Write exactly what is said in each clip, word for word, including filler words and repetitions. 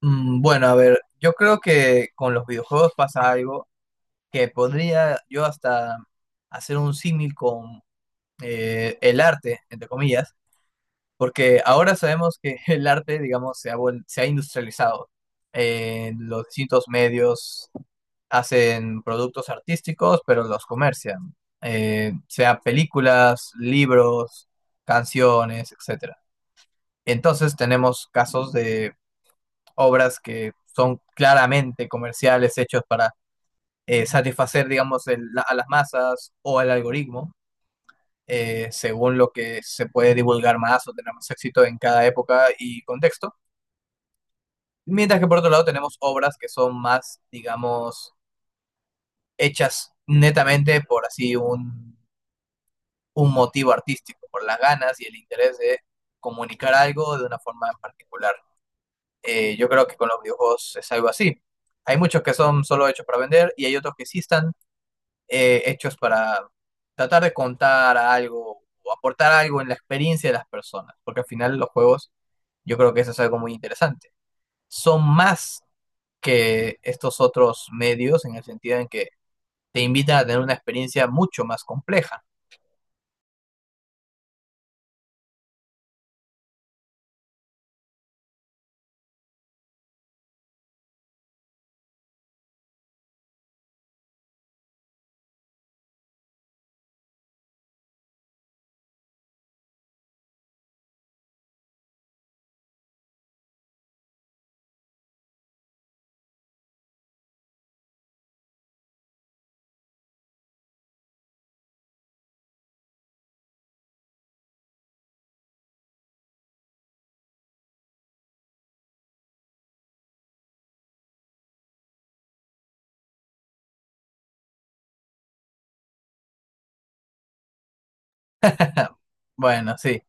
Mm, Bueno, a ver, yo creo que con los videojuegos pasa algo que podría yo hasta hacer un símil con eh, el arte, entre comillas, porque ahora sabemos que el arte, digamos, se ha, vuel- se ha industrializado. Eh, los distintos medios hacen productos artísticos, pero los comercian. Eh, sea películas, libros, canciones, etcétera. Entonces tenemos casos de obras que son claramente comerciales, hechos para eh, satisfacer, digamos, el- la- a las masas o al algoritmo, eh, según lo que se puede divulgar más o tener más éxito en cada época y contexto. Mientras que por otro lado tenemos obras que son más, digamos, hechas netamente por así un, un motivo artístico, por las ganas y el interés de comunicar algo de una forma en particular. Eh, yo creo que con los videojuegos es algo así. Hay muchos que son solo hechos para vender y hay otros que sí están eh, hechos para tratar de contar algo o aportar algo en la experiencia de las personas, porque al final los juegos, yo creo que eso es algo muy interesante. Son más que estos otros medios en el sentido en que te invitan a tener una experiencia mucho más compleja. Bueno, sí.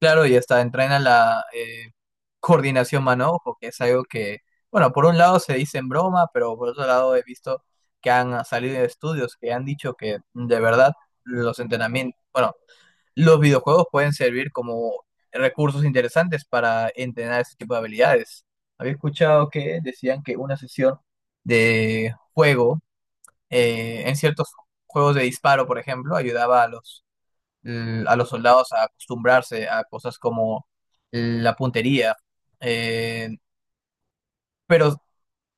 Claro, y hasta entrena la eh, coordinación mano-ojo, que es algo que, bueno, por un lado se dice en broma, pero por otro lado he visto que han ah, salido estudios que han dicho que mm, de verdad los entrenamientos, bueno, los videojuegos pueden servir como recursos interesantes para entrenar ese tipo de habilidades. Había escuchado que decían que una sesión de juego eh, en ciertos juegos de disparo, por ejemplo, ayudaba a los l- a los soldados a acostumbrarse a cosas como la puntería. Eh, pero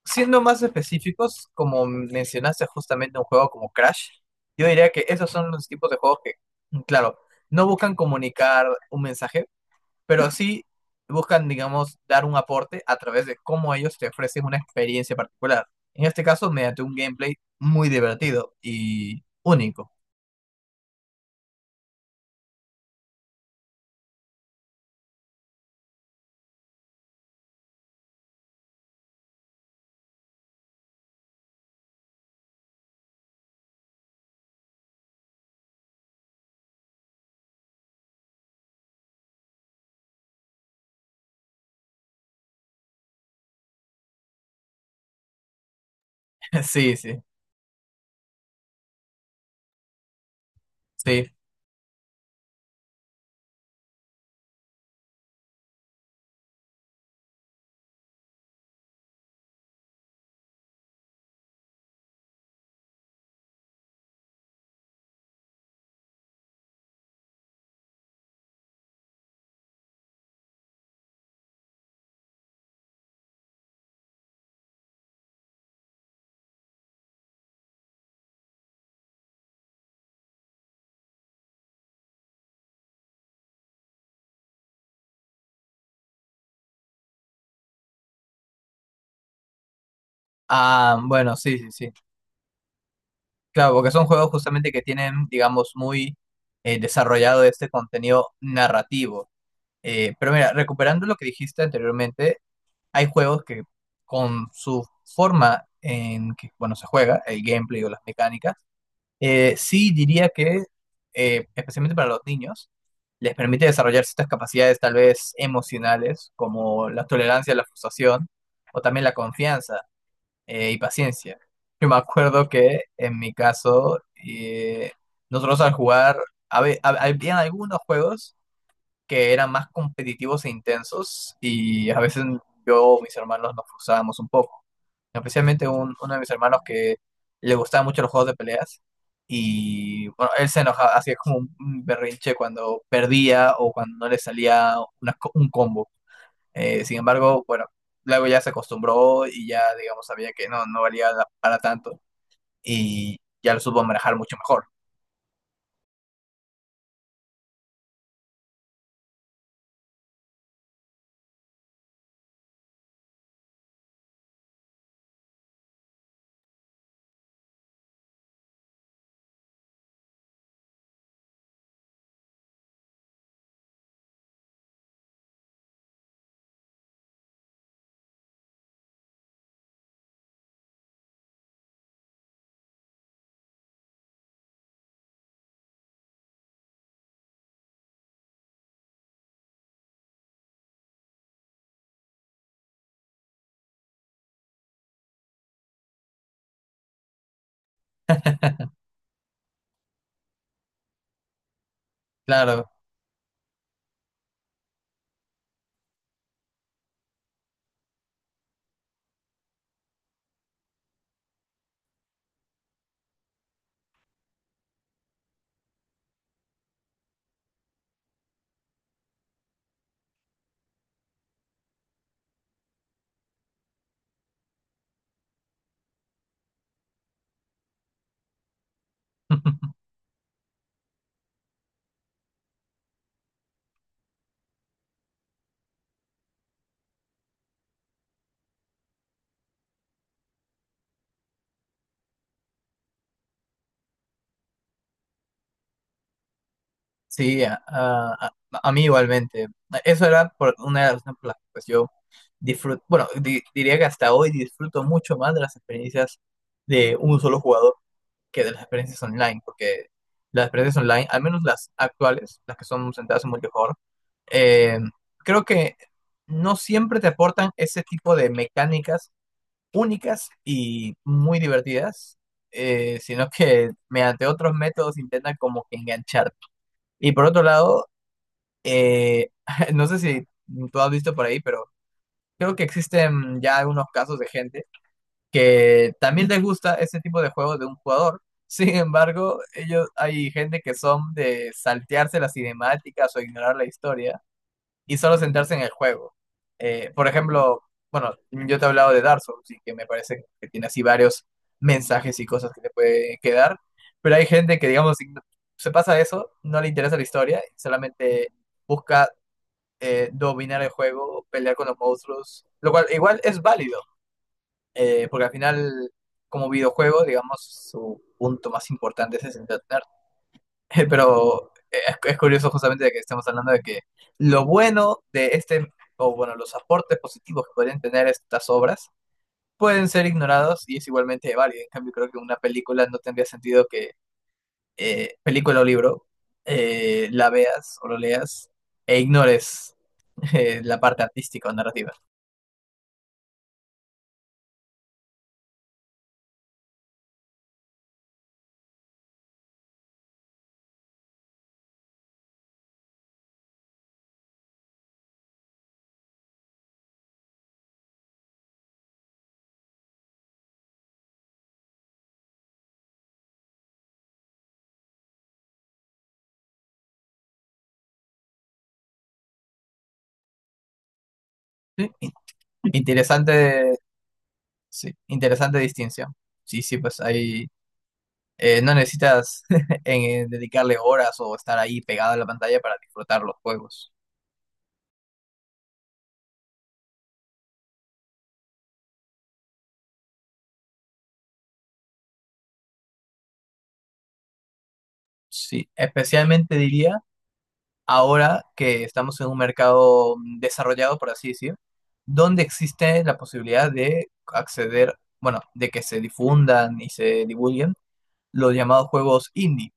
siendo más específicos, como mencionaste justamente un juego como Crash, yo diría que esos son los tipos de juegos que, claro, no buscan comunicar un mensaje, pero sí buscan, digamos, dar un aporte a través de cómo ellos te ofrecen una experiencia particular. En este caso, mediante un gameplay muy divertido y único. Sí, sí, sí. Ah, bueno, sí, sí, sí. Claro, porque son juegos justamente que tienen, digamos, muy eh, desarrollado este contenido narrativo. Eh, pero mira, recuperando lo que dijiste anteriormente, hay juegos que con su forma en que, bueno, se juega, el gameplay o las mecánicas, eh, sí diría que, eh, especialmente para los niños, les permite desarrollar ciertas capacidades tal vez emocionales, como la tolerancia a la frustración o también la confianza eh, y paciencia. Yo me acuerdo que en mi caso, eh, nosotros al jugar, habe- hab- habían algunos juegos que eran más competitivos e intensos y a veces yo o mis hermanos nos frustrábamos un poco. Especialmente un- uno de mis hermanos que le gustaban mucho los juegos de peleas y bueno, él se enojaba, hacía como un berrinche cuando perdía o cuando no le salía una co- un combo. Eh, sin embargo, bueno, luego ya se acostumbró y ya, digamos, sabía que no, no valía la- para tanto y ya lo supo manejar mucho mejor. Claro, sí, a, a- a- a mí igualmente. Eso era por una de las razones por las que, pues, yo disfruto, bueno, di- diría que hasta hoy disfruto mucho más de las experiencias de un solo jugador que de las experiencias online, porque las experiencias online, al menos las actuales, las que son centradas en multijugador, eh, creo que no siempre te aportan ese tipo de mecánicas únicas y muy divertidas, eh, sino que mediante otros métodos intentan como que engancharte. Y por otro lado, eh, no sé si tú has visto por ahí, pero creo que existen ya algunos casos de gente que también les gusta ese tipo de juegos de un jugador. Sin embargo, ellos hay gente que son de saltearse las cinemáticas o ignorar la historia y solo centrarse en el juego. Eh, por ejemplo, bueno, yo te he hablado de Dark Souls y que me parece que tiene así varios mensajes y cosas que te puede quedar, pero hay gente que, digamos, ign- se pasa eso, no le interesa la historia, solamente busca eh, dominar el juego, pelear con los monstruos, lo cual igual es válido, eh, porque al final, como videojuego, digamos, su punto más importante es centrarse. Pero eh, es, es curioso justamente de que estemos hablando de que lo bueno de este, o bueno, los aportes positivos que pueden tener estas obras pueden ser ignorados y es igualmente válido. En cambio, creo que una película no tendría sentido que, eh, película o libro, eh, la veas o lo leas e ignores eh, la parte artística o narrativa. Sí, in- interesante, sí, interesante distinción. Sí, sí, pues ahí Eh, no necesitas en- eh, dedicarle horas o estar ahí pegado a la pantalla para disfrutar los juegos. Sí, especialmente diría ahora que estamos en un mercado mm, desarrollado, por así decir, donde existe la posibilidad de acceder, bueno, de que se difundan y se divulguen los llamados juegos indie,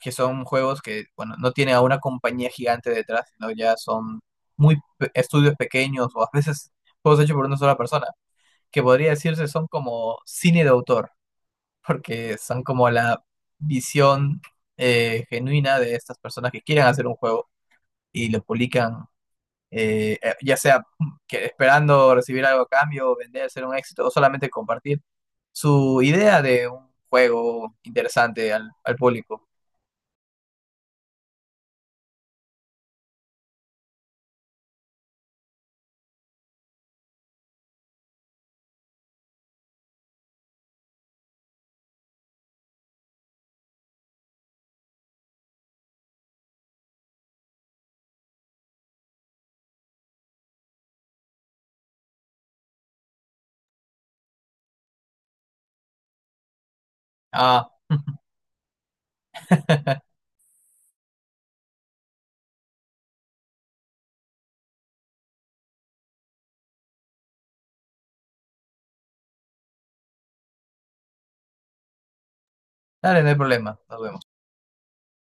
que son juegos que, bueno, no tienen a una compañía gigante detrás, sino ya son muy pe- estudios pequeños o a veces juegos hechos por una sola persona. Que podría decirse son como cine de autor, porque son como la visión eh, genuina de estas personas que quieren hacer un juego y lo publican, eh, eh, ya sea que esperando recibir algo a cambio, vender, ser un éxito, o solamente compartir su idea de un juego interesante al, al público. Ah, dale, no hay problema, nos vemos.